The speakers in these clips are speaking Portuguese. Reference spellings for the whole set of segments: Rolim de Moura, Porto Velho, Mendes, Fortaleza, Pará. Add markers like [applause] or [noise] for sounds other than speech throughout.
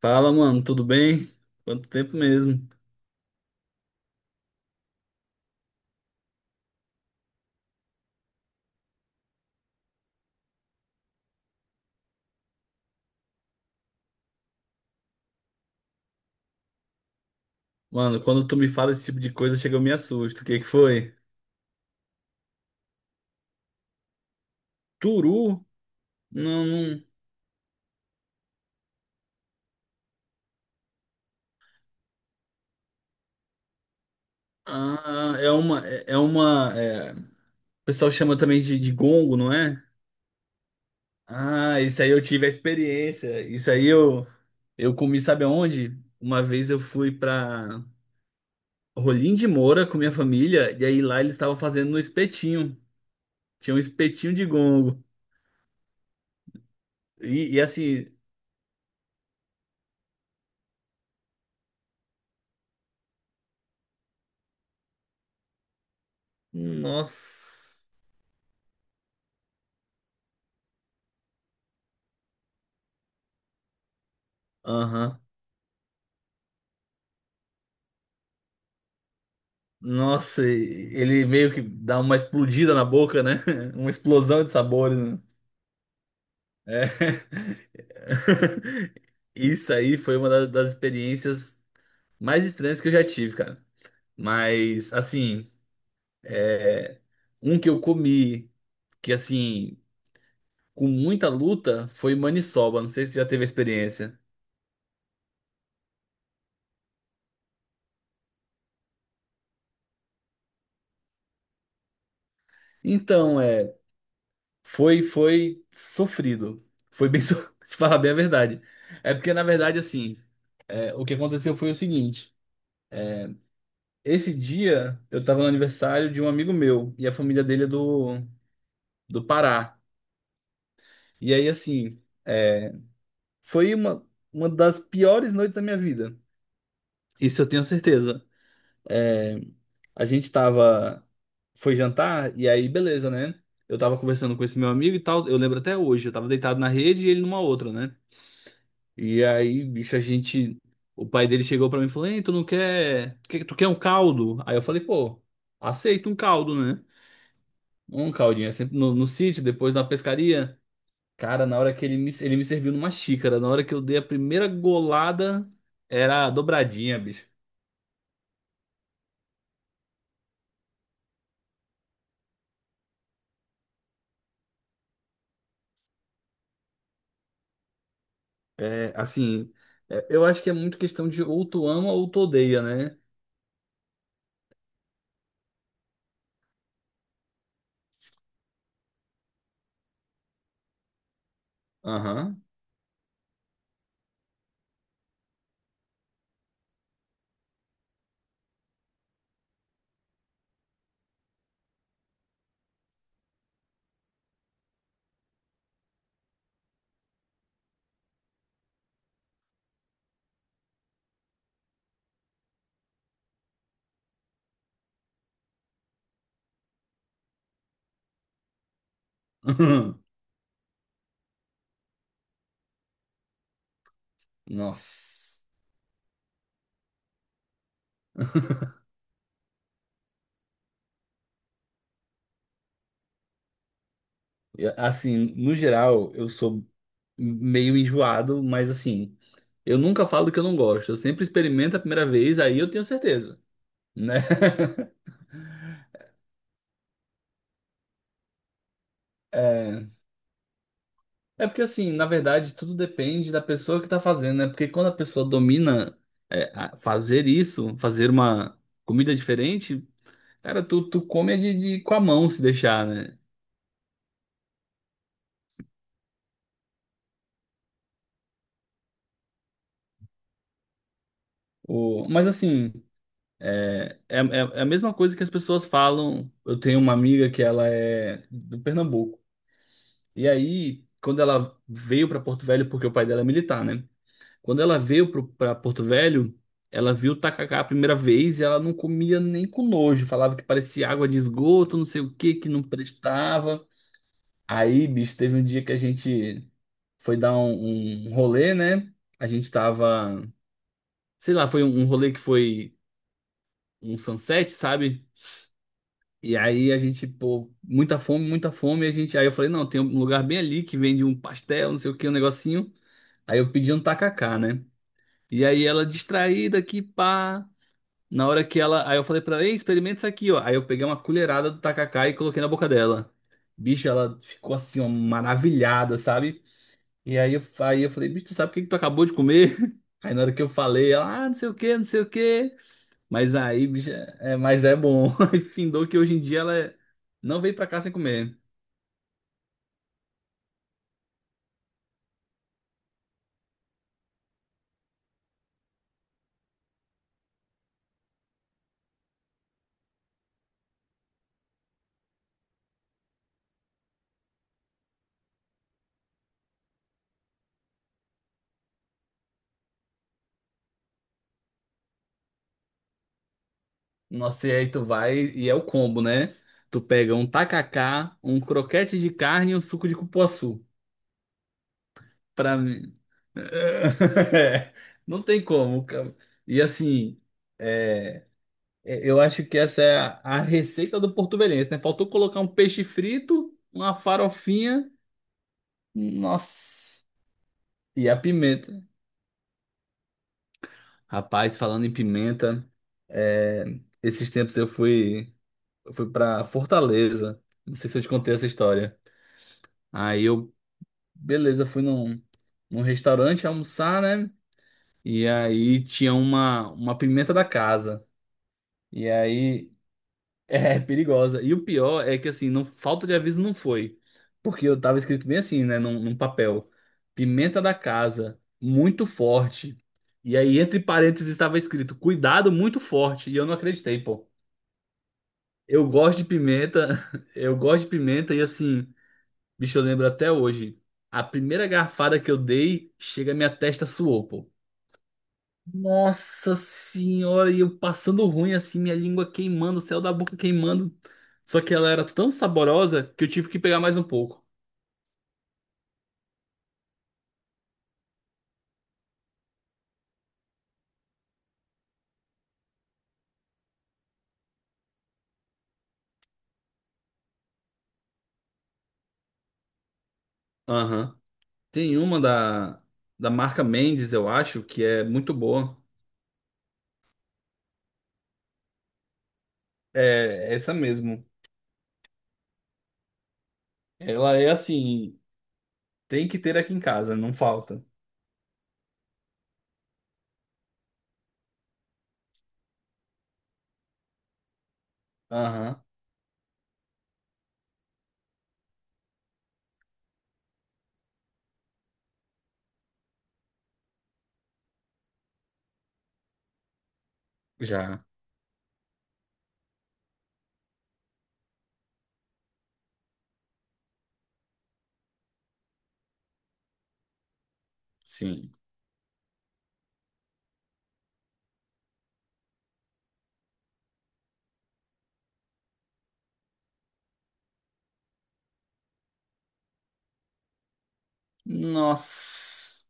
Fala, mano, tudo bem? Quanto tempo mesmo? Mano, quando tu me fala esse tipo de coisa, chega eu me assusto. O que que foi? Turu? Não, não. O pessoal chama também de gongo, não é? Ah, isso aí eu tive a experiência. Isso aí eu comi, sabe aonde? Uma vez eu fui pra Rolim de Moura com minha família e aí lá eles estavam fazendo no espetinho. Tinha um espetinho de gongo. E, e assim, Nossa. Aham. Nossa, ele meio que dá uma explodida na boca, né? [laughs] Uma explosão de sabores, né? É. [laughs] Isso aí foi das experiências mais estranhas que eu já tive, cara. Mas, assim, é, um que eu comi, que assim, com muita luta, foi maniçoba. Não sei se já teve a experiência. Então, foi, foi sofrido. Foi bem, [laughs] te falar bem a verdade. É porque, na verdade, assim, o que aconteceu foi o seguinte. Esse dia eu tava no aniversário de um amigo meu e a família dele é do Pará. E aí, assim, foi uma das piores noites da minha vida. Isso eu tenho certeza. É, a gente tava. Foi jantar, e aí, beleza, né? Eu tava conversando com esse meu amigo e tal. Eu lembro até hoje. Eu tava deitado na rede e ele numa outra, né? E aí, bicho, a gente. O pai dele chegou pra mim e falou: Ei, tu não quer. Tu quer um caldo? Aí eu falei: Pô, aceito um caldo, né? Um caldinho, é sempre no sítio, depois na pescaria. Cara, na hora que ele me serviu numa xícara, na hora que eu dei a primeira golada, era dobradinha, bicho. É, assim, eu acho que é muito questão de ou tu ama ou tu odeia, né? Aham. [laughs] Nossa. E, assim, no geral, eu sou meio enjoado, mas assim, eu nunca falo que eu não gosto. Eu sempre experimento a primeira vez, aí eu tenho certeza, né? [laughs] É porque assim, na verdade, tudo depende da pessoa que tá fazendo, né? Porque quando a pessoa domina fazer isso, fazer uma comida diferente, cara, tu come é de, com a mão se deixar, né? O, mas assim, é a mesma coisa que as pessoas falam. Eu tenho uma amiga que ela é do Pernambuco. E aí, quando ela veio pra Porto Velho, porque o pai dela é militar, né? Quando ela veio para Porto Velho, ela viu o tacacá a primeira vez e ela não comia nem com nojo. Falava que parecia água de esgoto, não sei o que, que não prestava. Aí, bicho, teve um dia que a gente foi dar um rolê, né? A gente tava, sei lá, foi um rolê que foi um sunset, sabe? E aí a gente, pô, muita fome, muita fome. E a gente, aí eu falei, não, tem um lugar bem ali que vende um pastel, não sei o que, um negocinho. Aí eu pedi um tacacá, né? E aí ela distraída aqui, pá. Na hora que ela. Aí eu falei pra ela, ei, experimenta isso aqui, ó. Aí eu peguei uma colherada do tacacá e coloquei na boca dela. Bicho, ela ficou assim, ó, maravilhada, sabe? E aí eu falei, bicho, tu sabe o que que tu acabou de comer? [laughs] Aí na hora que eu falei, ela, ah, não sei o quê, não sei o quê. Mas aí, bicho, mas é bom. [laughs] Aí findou que hoje em dia não veio pra cá sem comer. Nossa, e aí tu vai e é o combo, né? Tu pega um tacacá, um croquete de carne e um suco de cupuaçu. Pra mim. [laughs] É, não tem como, cara. E assim, é, eu acho que essa é a receita do porto-velhense, né? Faltou colocar um peixe frito, uma farofinha, nossa, e a pimenta. Rapaz, falando em pimenta, é, esses tempos eu fui para Fortaleza. Não sei se eu te contei essa história. Aí eu, beleza, fui num restaurante almoçar, né? E aí tinha uma pimenta da casa. E aí [laughs] é perigosa. E o pior é que assim, não, falta de aviso não foi. Porque eu tava escrito bem assim, né, num papel. Pimenta da casa, muito forte. E aí entre parênteses estava escrito cuidado muito forte. E eu não acreditei, pô. Eu gosto de pimenta, [laughs] eu gosto de pimenta e assim, bicho, eu lembro até hoje. A primeira garfada que eu dei, chega a minha testa suou, pô. Nossa senhora, e eu passando ruim assim, minha língua queimando, o céu da boca queimando. Só que ela era tão saborosa que eu tive que pegar mais um pouco. Aham. Tem uma da marca Mendes, eu acho, que é muito boa. É, essa mesmo. Ela é assim, tem que ter aqui em casa, não falta. Aham. Já, sim. Nossa.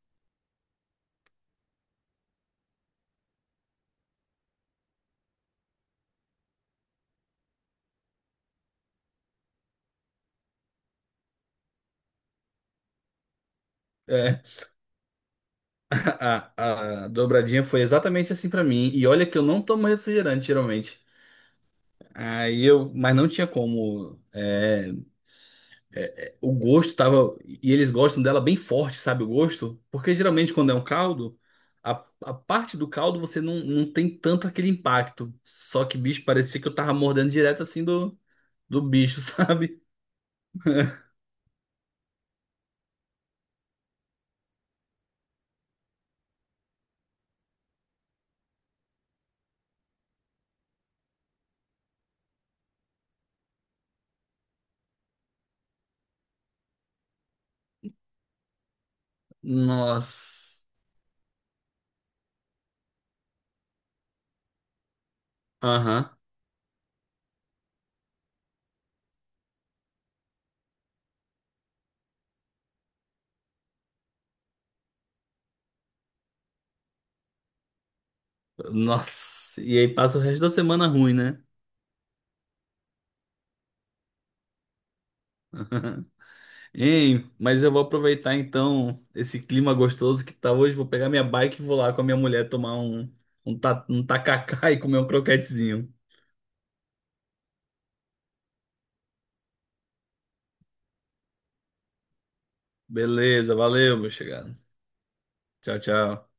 É, [laughs] a dobradinha foi exatamente assim pra mim. E olha que eu não tomo refrigerante, geralmente. Aí eu, mas não tinha como. O gosto tava. E eles gostam dela bem forte, sabe? O gosto. Porque geralmente quando é um caldo, a, a parte do caldo você não, não tem tanto aquele impacto. Só que, bicho, parecia que eu tava mordendo direto assim do bicho, [laughs] sabe? Nossa. Aham. Nossa. E aí passa o resto da semana ruim, né? [laughs] Ei, mas eu vou aproveitar então esse clima gostoso que tá hoje. Vou pegar minha bike e vou lá com a minha mulher tomar um tacacá [laughs] e comer um croquetezinho. Beleza, valeu, meu chegado. Tchau, tchau.